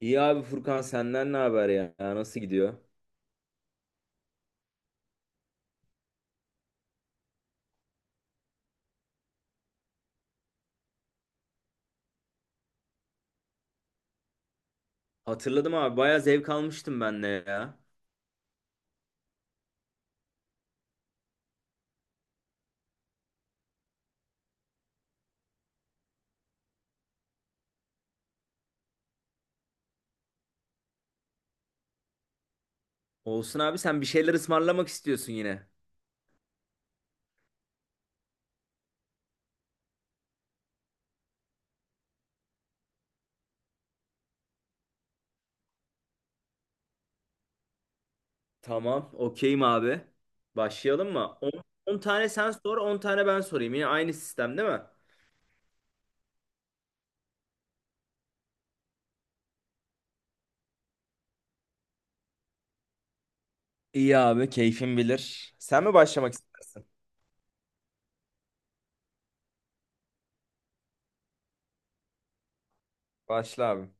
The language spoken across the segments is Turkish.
İyi abi Furkan senden ne haber ya? Ya nasıl gidiyor? Hatırladım abi bayağı zevk almıştım ben de ya. Olsun abi, sen bir şeyler ısmarlamak istiyorsun yine. Tamam okeyim abi. Başlayalım mı? 10 tane sen sor, 10 tane ben sorayım. Yine aynı sistem değil mi? İyi abi keyfin bilir. Sen mi başlamak istersin? Başla abi.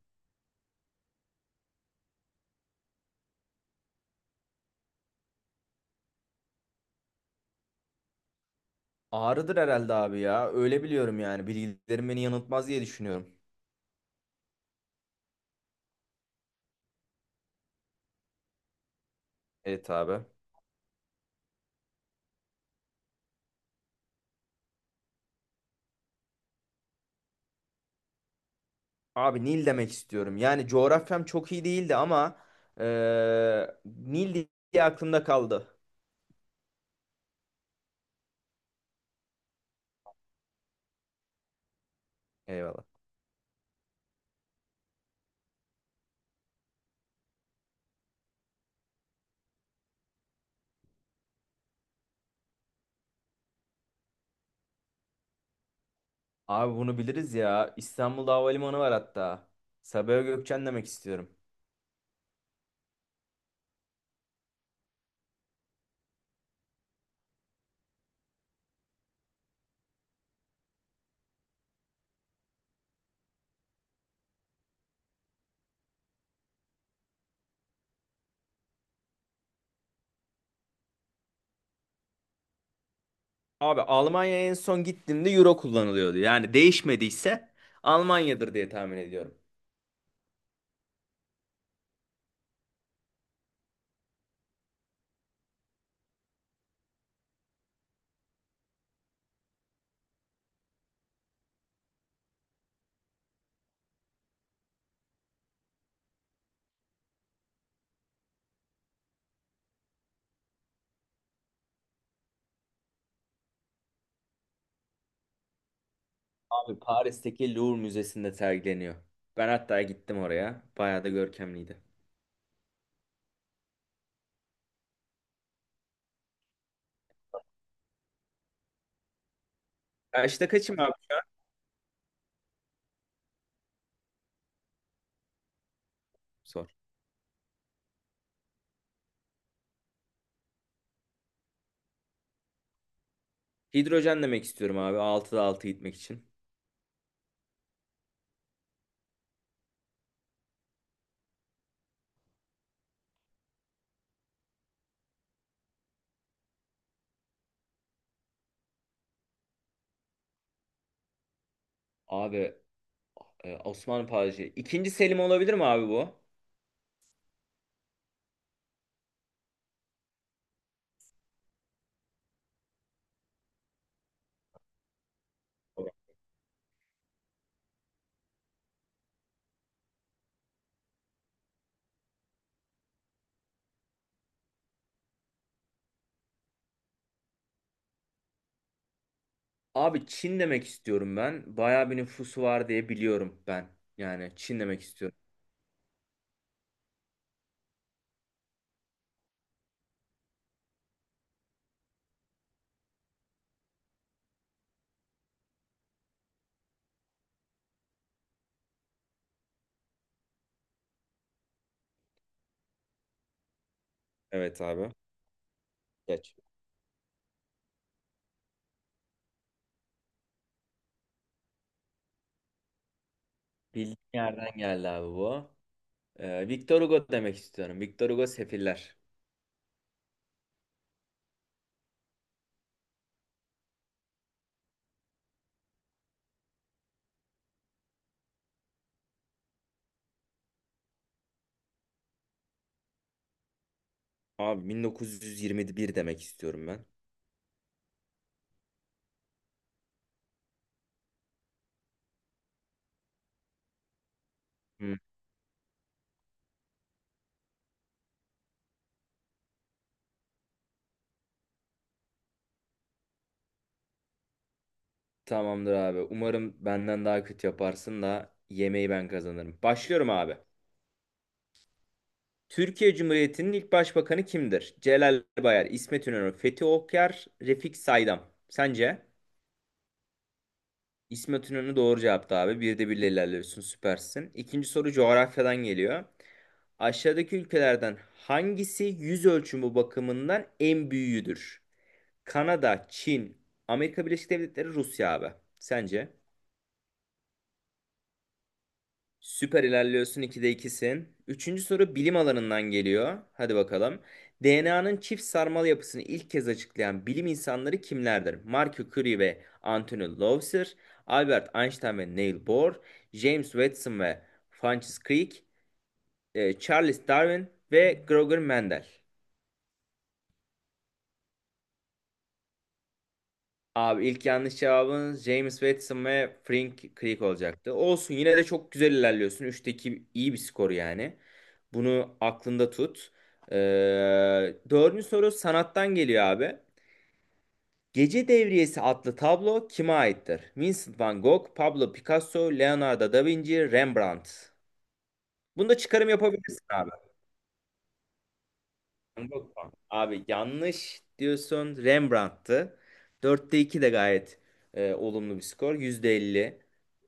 Ağrıdır herhalde abi ya. Öyle biliyorum yani. Bilgilerim beni yanıltmaz diye düşünüyorum. Evet abi. Abi Nil demek istiyorum. Yani coğrafyam çok iyi değildi ama Nil diye aklımda kaldı. Eyvallah. Abi bunu biliriz ya. İstanbul'da havalimanı var hatta. Sabiha Gökçen demek istiyorum. Abi Almanya'ya en son gittiğimde Euro kullanılıyordu. Yani değişmediyse Almanya'dır diye tahmin ediyorum. Abi Paris'teki Louvre Müzesi'nde sergileniyor. Ben hatta gittim oraya. Bayağı da görkemliydi. Ya işte kaçım abi şu an? Sor. Hidrojen demek istiyorum abi. Altıda 6 gitmek için. Abi Osmanlı padişahı. İkinci Selim olabilir mi abi bu? Abi Çin demek istiyorum ben. Bayağı bir nüfusu var diye biliyorum ben. Yani Çin demek istiyorum. Evet abi. Geç. Bildiğin yerden geldi abi bu. Victor Hugo demek istiyorum. Victor Hugo Sefiller. Abi 1921 demek istiyorum ben. Hı. Tamamdır abi. Umarım benden daha kötü yaparsın da yemeği ben kazanırım. Başlıyorum abi. Türkiye Cumhuriyeti'nin ilk başbakanı kimdir? Celal Bayar, İsmet İnönü, Fethi Okyar, Refik Saydam. Sence? İsmet İnönü doğru cevaptı abi. Bir de birle ilerliyorsun, süpersin. İkinci soru coğrafyadan geliyor. Aşağıdaki ülkelerden hangisi yüz ölçümü bakımından en büyüğüdür? Kanada, Çin, Amerika Birleşik Devletleri, Rusya abi. Sence? Süper ilerliyorsun, 2'de ikisin. Üçüncü soru bilim alanından geliyor. Hadi bakalım. DNA'nın çift sarmal yapısını ilk kez açıklayan bilim insanları kimlerdir? Marie Curie ve Anthony Lowther, Albert Einstein ve Niels Bohr, James Watson ve Francis Crick, Charles Darwin ve Gregor Mendel. Abi ilk yanlış cevabın James Watson ve Frank Crick olacaktı. Olsun, yine de çok güzel ilerliyorsun. Üçteki iyi bir skor yani. Bunu aklında tut. Ee, dördüncü soru sanattan geliyor abi. Gece Devriyesi adlı tablo kime aittir? Vincent van Gogh, Pablo Picasso, Leonardo da Vinci, Rembrandt. Bunda çıkarım yapabilirsin abi. Van Gogh mu? Abi yanlış diyorsun. Rembrandt'tı. Dörtte 2 de gayet olumlu bir skor. Yüzde elli,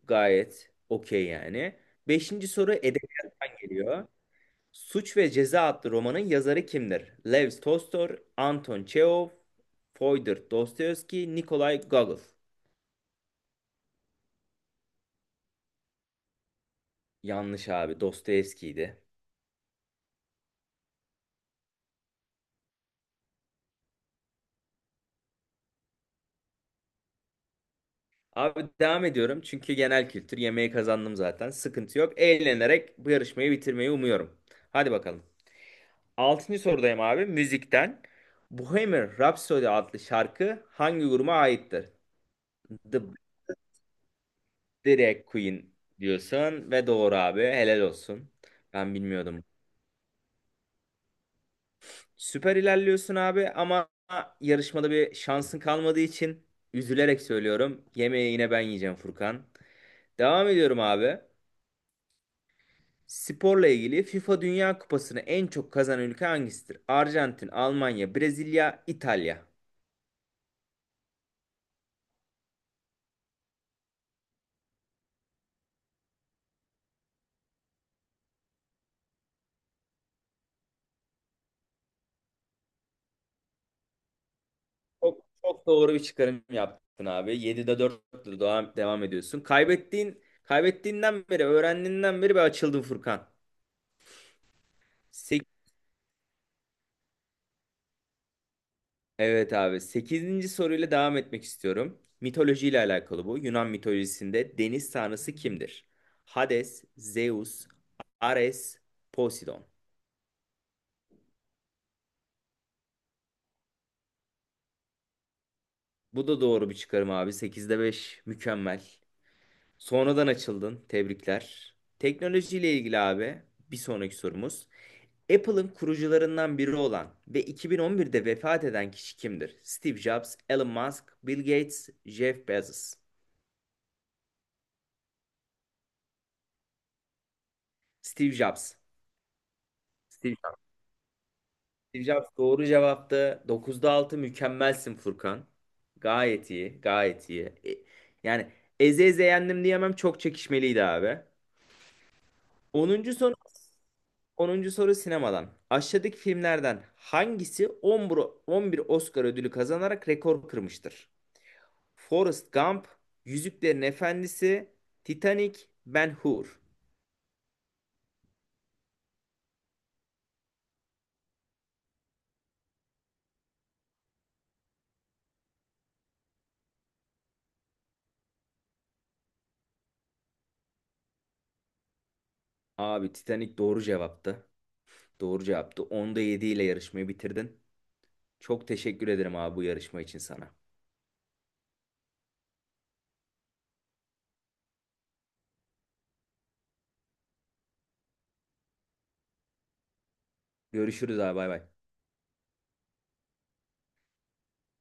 gayet okey yani. Beşinci soru edebiyattan geliyor. Suç ve Ceza adlı romanın yazarı kimdir? Lev Tolstoy, Anton Çehov, Fyodor Dostoyevski, Nikolay Gogol. Yanlış abi. Dostoyevski'ydi. Abi devam ediyorum çünkü genel kültür yemeği kazandım zaten. Sıkıntı yok. Eğlenerek bu yarışmayı bitirmeyi umuyorum. Hadi bakalım. Altıncı sorudayım abi. Müzikten. Bohemian Rhapsody adlı şarkı hangi gruba aittir? The Drag Queen diyorsun ve doğru abi. Helal olsun. Ben bilmiyordum. Süper ilerliyorsun abi ama yarışmada bir şansın kalmadığı için üzülerek söylüyorum. Yemeği yine ben yiyeceğim Furkan. Devam ediyorum abi. Sporla ilgili FIFA Dünya Kupası'nı en çok kazanan ülke hangisidir? Arjantin, Almanya, Brezilya, İtalya. Çok, çok doğru bir çıkarım yaptın abi. Yedi'de 4'te devam ediyorsun. Kaybettiğinden beri, öğrendiğinden beri bir açıldın Furkan. Sek- evet abi. Sekizinci soruyla devam etmek istiyorum. Mitolojiyle alakalı bu. Yunan mitolojisinde deniz tanrısı kimdir? Hades, Zeus, Ares, Poseidon. Bu da doğru bir çıkarım abi. Sekizde beş, mükemmel. Sonradan açıldın. Tebrikler. Teknolojiyle ilgili abi bir sonraki sorumuz. Apple'ın kurucularından biri olan ve 2011'de vefat eden kişi kimdir? Steve Jobs, Elon Musk, Bill Gates, Jeff Bezos. Steve Jobs. Steve Jobs. Steve Jobs doğru cevaptı. 9'da 6 mükemmelsin Furkan. Gayet iyi, gayet iyi. Yani eze eze yendim diyemem, çok çekişmeliydi abi. 10. soru 10. soru sinemadan. Aşağıdaki filmlerden hangisi 11 Oscar ödülü kazanarak rekor kırmıştır? Forrest Gump, Yüzüklerin Efendisi, Titanic, Ben Hur. Abi Titanic doğru cevaptı. Doğru cevaptı. Onda 7 ile yarışmayı bitirdin. Çok teşekkür ederim abi bu yarışma için sana. Görüşürüz abi, bay bay.